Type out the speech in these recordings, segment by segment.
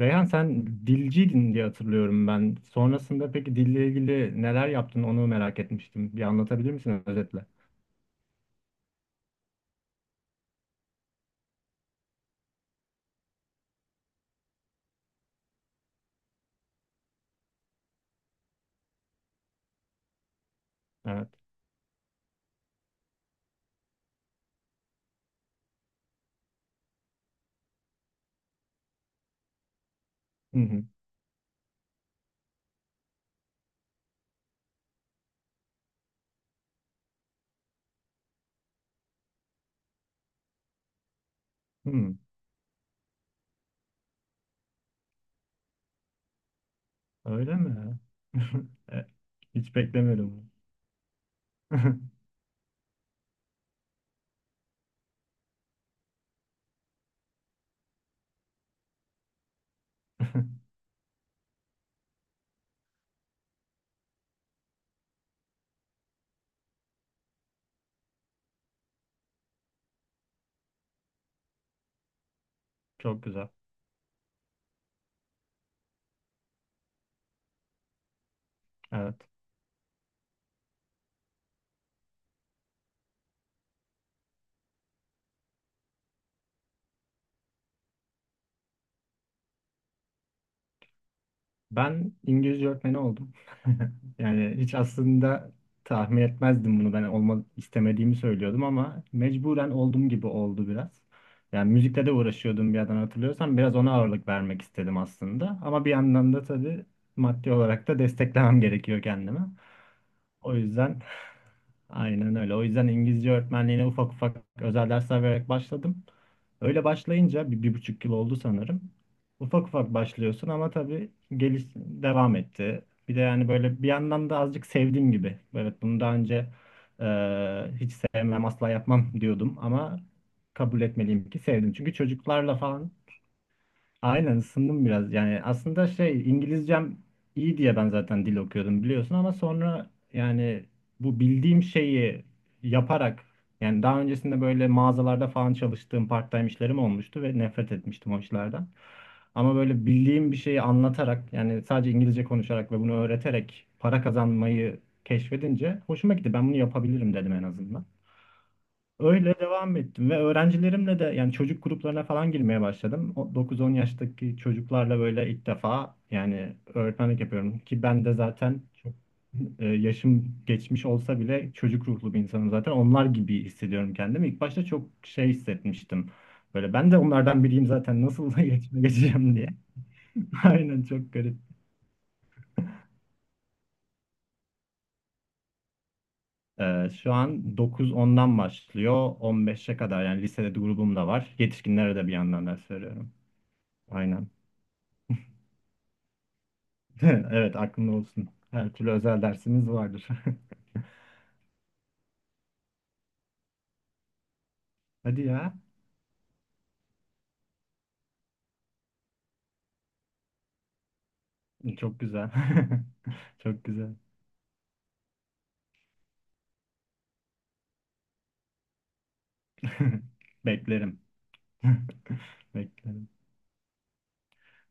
Reyhan sen dilciydin diye hatırlıyorum ben. Sonrasında peki dille ilgili neler yaptın onu merak etmiştim. Bir anlatabilir misin özetle? Evet. Hı hı. Hı. Öyle mi? E, Hiç beklemiyordum bunu. Çok güzel. Evet. Ben İngilizce öğretmeni oldum. Yani hiç aslında tahmin etmezdim bunu. Ben olmak istemediğimi söylüyordum ama mecburen olduğum gibi oldu biraz. Yani müzikle de uğraşıyordum bir yandan hatırlıyorsan. Biraz ona ağırlık vermek istedim aslında. Ama bir yandan da tabii maddi olarak da desteklemem gerekiyor kendime. O yüzden aynen öyle. O yüzden İngilizce öğretmenliğine ufak ufak özel dersler vererek başladım. Öyle başlayınca bir, bir buçuk yıl oldu sanırım. Ufak ufak başlıyorsun ama tabii geliş devam etti. Bir de yani böyle bir yandan da azıcık sevdiğim gibi. Evet bunu daha önce e, hiç sevmem asla yapmam diyordum ama kabul etmeliyim ki sevdim. Çünkü çocuklarla falan. Aynen ısındım biraz. Yani aslında şey İngilizcem iyi diye ben zaten dil okuyordum biliyorsun ama sonra yani bu bildiğim şeyi yaparak yani daha öncesinde böyle mağazalarda falan çalıştığım part-time işlerim olmuştu ve nefret etmiştim o işlerden. Ama böyle bildiğim bir şeyi anlatarak yani sadece İngilizce konuşarak ve bunu öğreterek para kazanmayı keşfedince hoşuma gitti. Ben bunu yapabilirim dedim en azından. Öyle devam ettim ve öğrencilerimle de yani çocuk gruplarına falan girmeye başladım. O 9-10 yaştaki çocuklarla böyle ilk defa yani öğretmenlik yapıyorum ki ben de zaten çok yaşım geçmiş olsa bile çocuk ruhlu bir insanım zaten. Onlar gibi hissediyorum kendimi. İlk başta çok şey hissetmiştim. Böyle ben de onlardan biriyim zaten nasıl iletişime geçeceğim diye. Aynen çok garip. Şu an 9-10'dan başlıyor 15'e kadar yani lisede de grubum da var. Yetişkinlere de bir yandan ders veriyorum. Aynen. Evet aklında olsun. Her türlü özel dersiniz vardır. Hadi ya. Çok güzel. Çok güzel. Beklerim. Beklerim.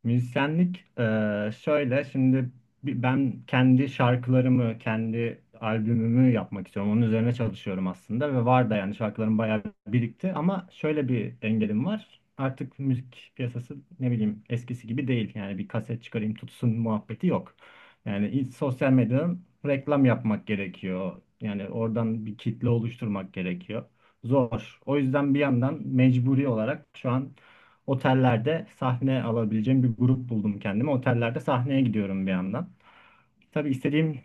Müzisyenlik şöyle şimdi ben kendi şarkılarımı, kendi albümümü yapmak istiyorum. Onun üzerine çalışıyorum aslında ve var da yani şarkılarım bayağı birikti ama şöyle bir engelim var. Artık müzik piyasası ne bileyim eskisi gibi değil. Yani bir kaset çıkarayım tutsun muhabbeti yok. Yani sosyal medyadan reklam yapmak gerekiyor. Yani oradan bir kitle oluşturmak gerekiyor. Zor. O yüzden bir yandan mecburi olarak şu an otellerde sahne alabileceğim bir grup buldum kendime. Otellerde sahneye gidiyorum bir yandan. Tabii istediğim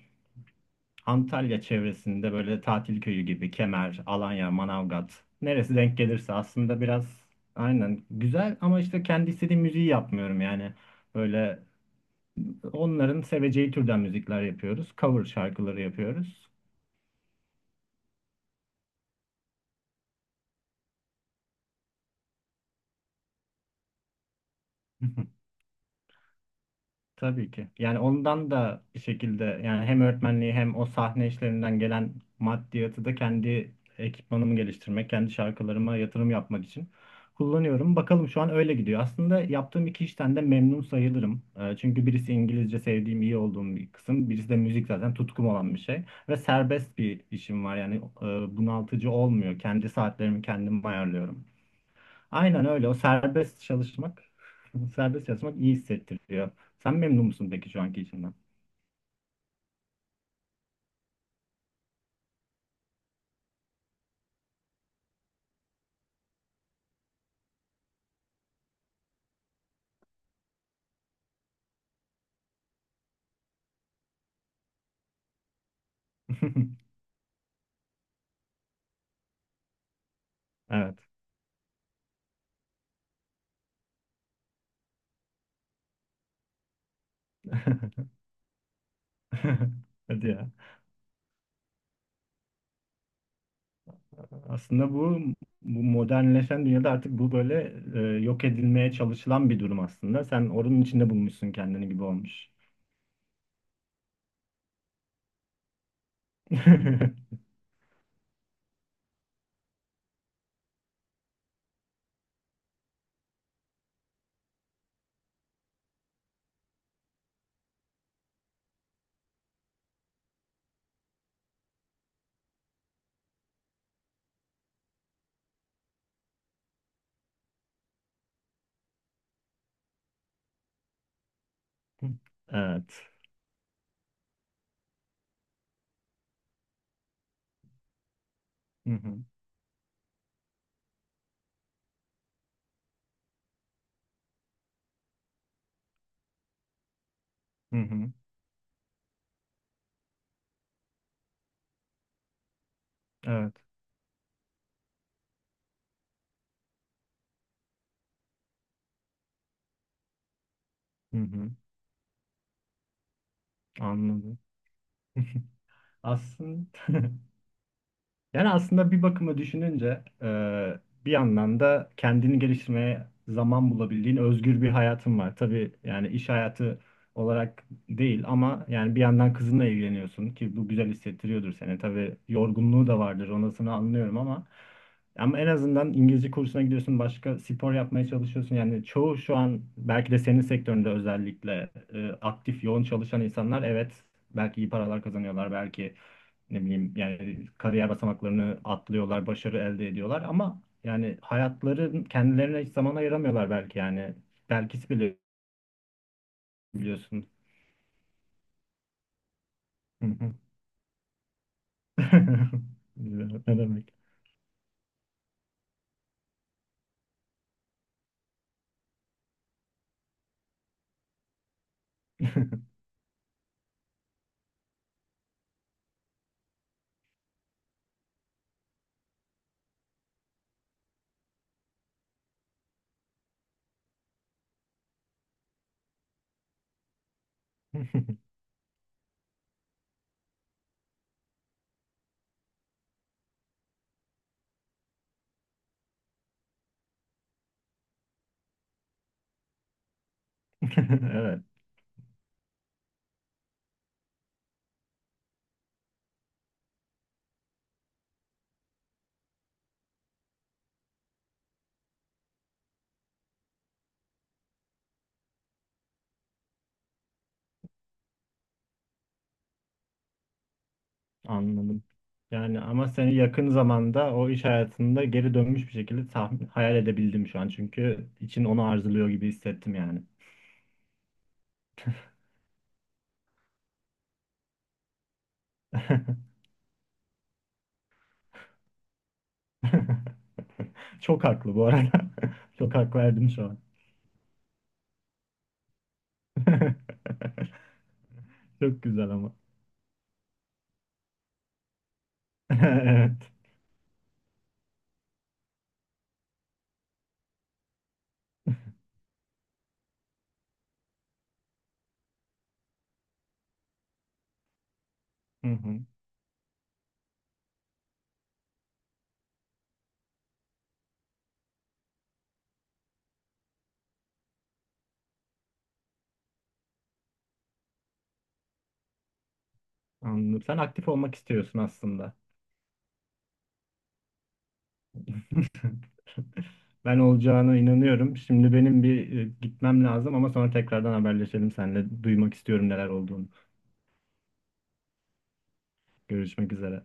Antalya çevresinde böyle tatil köyü gibi Kemer, Alanya, Manavgat neresi denk gelirse aslında biraz aynen güzel ama işte kendi istediğim müziği yapmıyorum yani. Böyle onların seveceği türden müzikler yapıyoruz. Cover şarkıları yapıyoruz. Tabii ki. Yani ondan da bir şekilde yani hem öğretmenliği hem o sahne işlerinden gelen maddiyatı da kendi ekipmanımı geliştirmek, kendi şarkılarıma yatırım yapmak için kullanıyorum. Bakalım şu an öyle gidiyor. Aslında yaptığım iki işten de memnun sayılırım. Çünkü birisi İngilizce sevdiğim, iyi olduğum bir kısım. Birisi de müzik zaten tutkum olan bir şey. Ve serbest bir işim var. Yani bunaltıcı olmuyor. Kendi saatlerimi kendim ayarlıyorum. Aynen öyle. O serbest çalışmak, serbest çalışmak iyi hissettiriyor. Sen memnun musun peki şu anki işinden? Evet. Hadi ya. Aslında bu modernleşen dünyada artık bu böyle yok edilmeye çalışılan bir durum aslında. Sen oranın içinde bulmuşsun kendini gibi olmuş. Evet. Hı hı. Hı hı. Evet. Hı hı. Anladım. Aslında yani aslında bir bakıma düşününce bir yandan da kendini geliştirmeye zaman bulabildiğin özgür bir hayatın var. Tabii yani iş hayatı olarak değil ama yani bir yandan kızınla evleniyorsun ki bu güzel hissettiriyordur seni. Tabii yorgunluğu da vardır onasını anlıyorum ama en azından İngilizce kursuna gidiyorsun, başka spor yapmaya çalışıyorsun. Yani çoğu şu an belki de senin sektöründe özellikle aktif, yoğun çalışan insanlar evet belki iyi paralar kazanıyorlar, belki ne bileyim yani kariyer basamaklarını atlıyorlar, başarı elde ediyorlar ama yani hayatları kendilerine hiç zaman ayıramıyorlar belki yani. Belki bile biliyorsun. Hı hı. Ne demek? Evet, anladım. Yani ama seni yakın zamanda o iş hayatında geri dönmüş bir şekilde tahmin, hayal edebildim şu an. Çünkü için onu arzuluyor gibi hissettim yani. Çok haklı bu arada. Çok hak verdim şu an. Çok güzel ama. Evet. Hı hı. Anladım. Sen aktif olmak istiyorsun aslında. Ben olacağına inanıyorum. Şimdi benim bir gitmem lazım ama sonra tekrardan haberleşelim seninle. Duymak istiyorum neler olduğunu. Görüşmek üzere.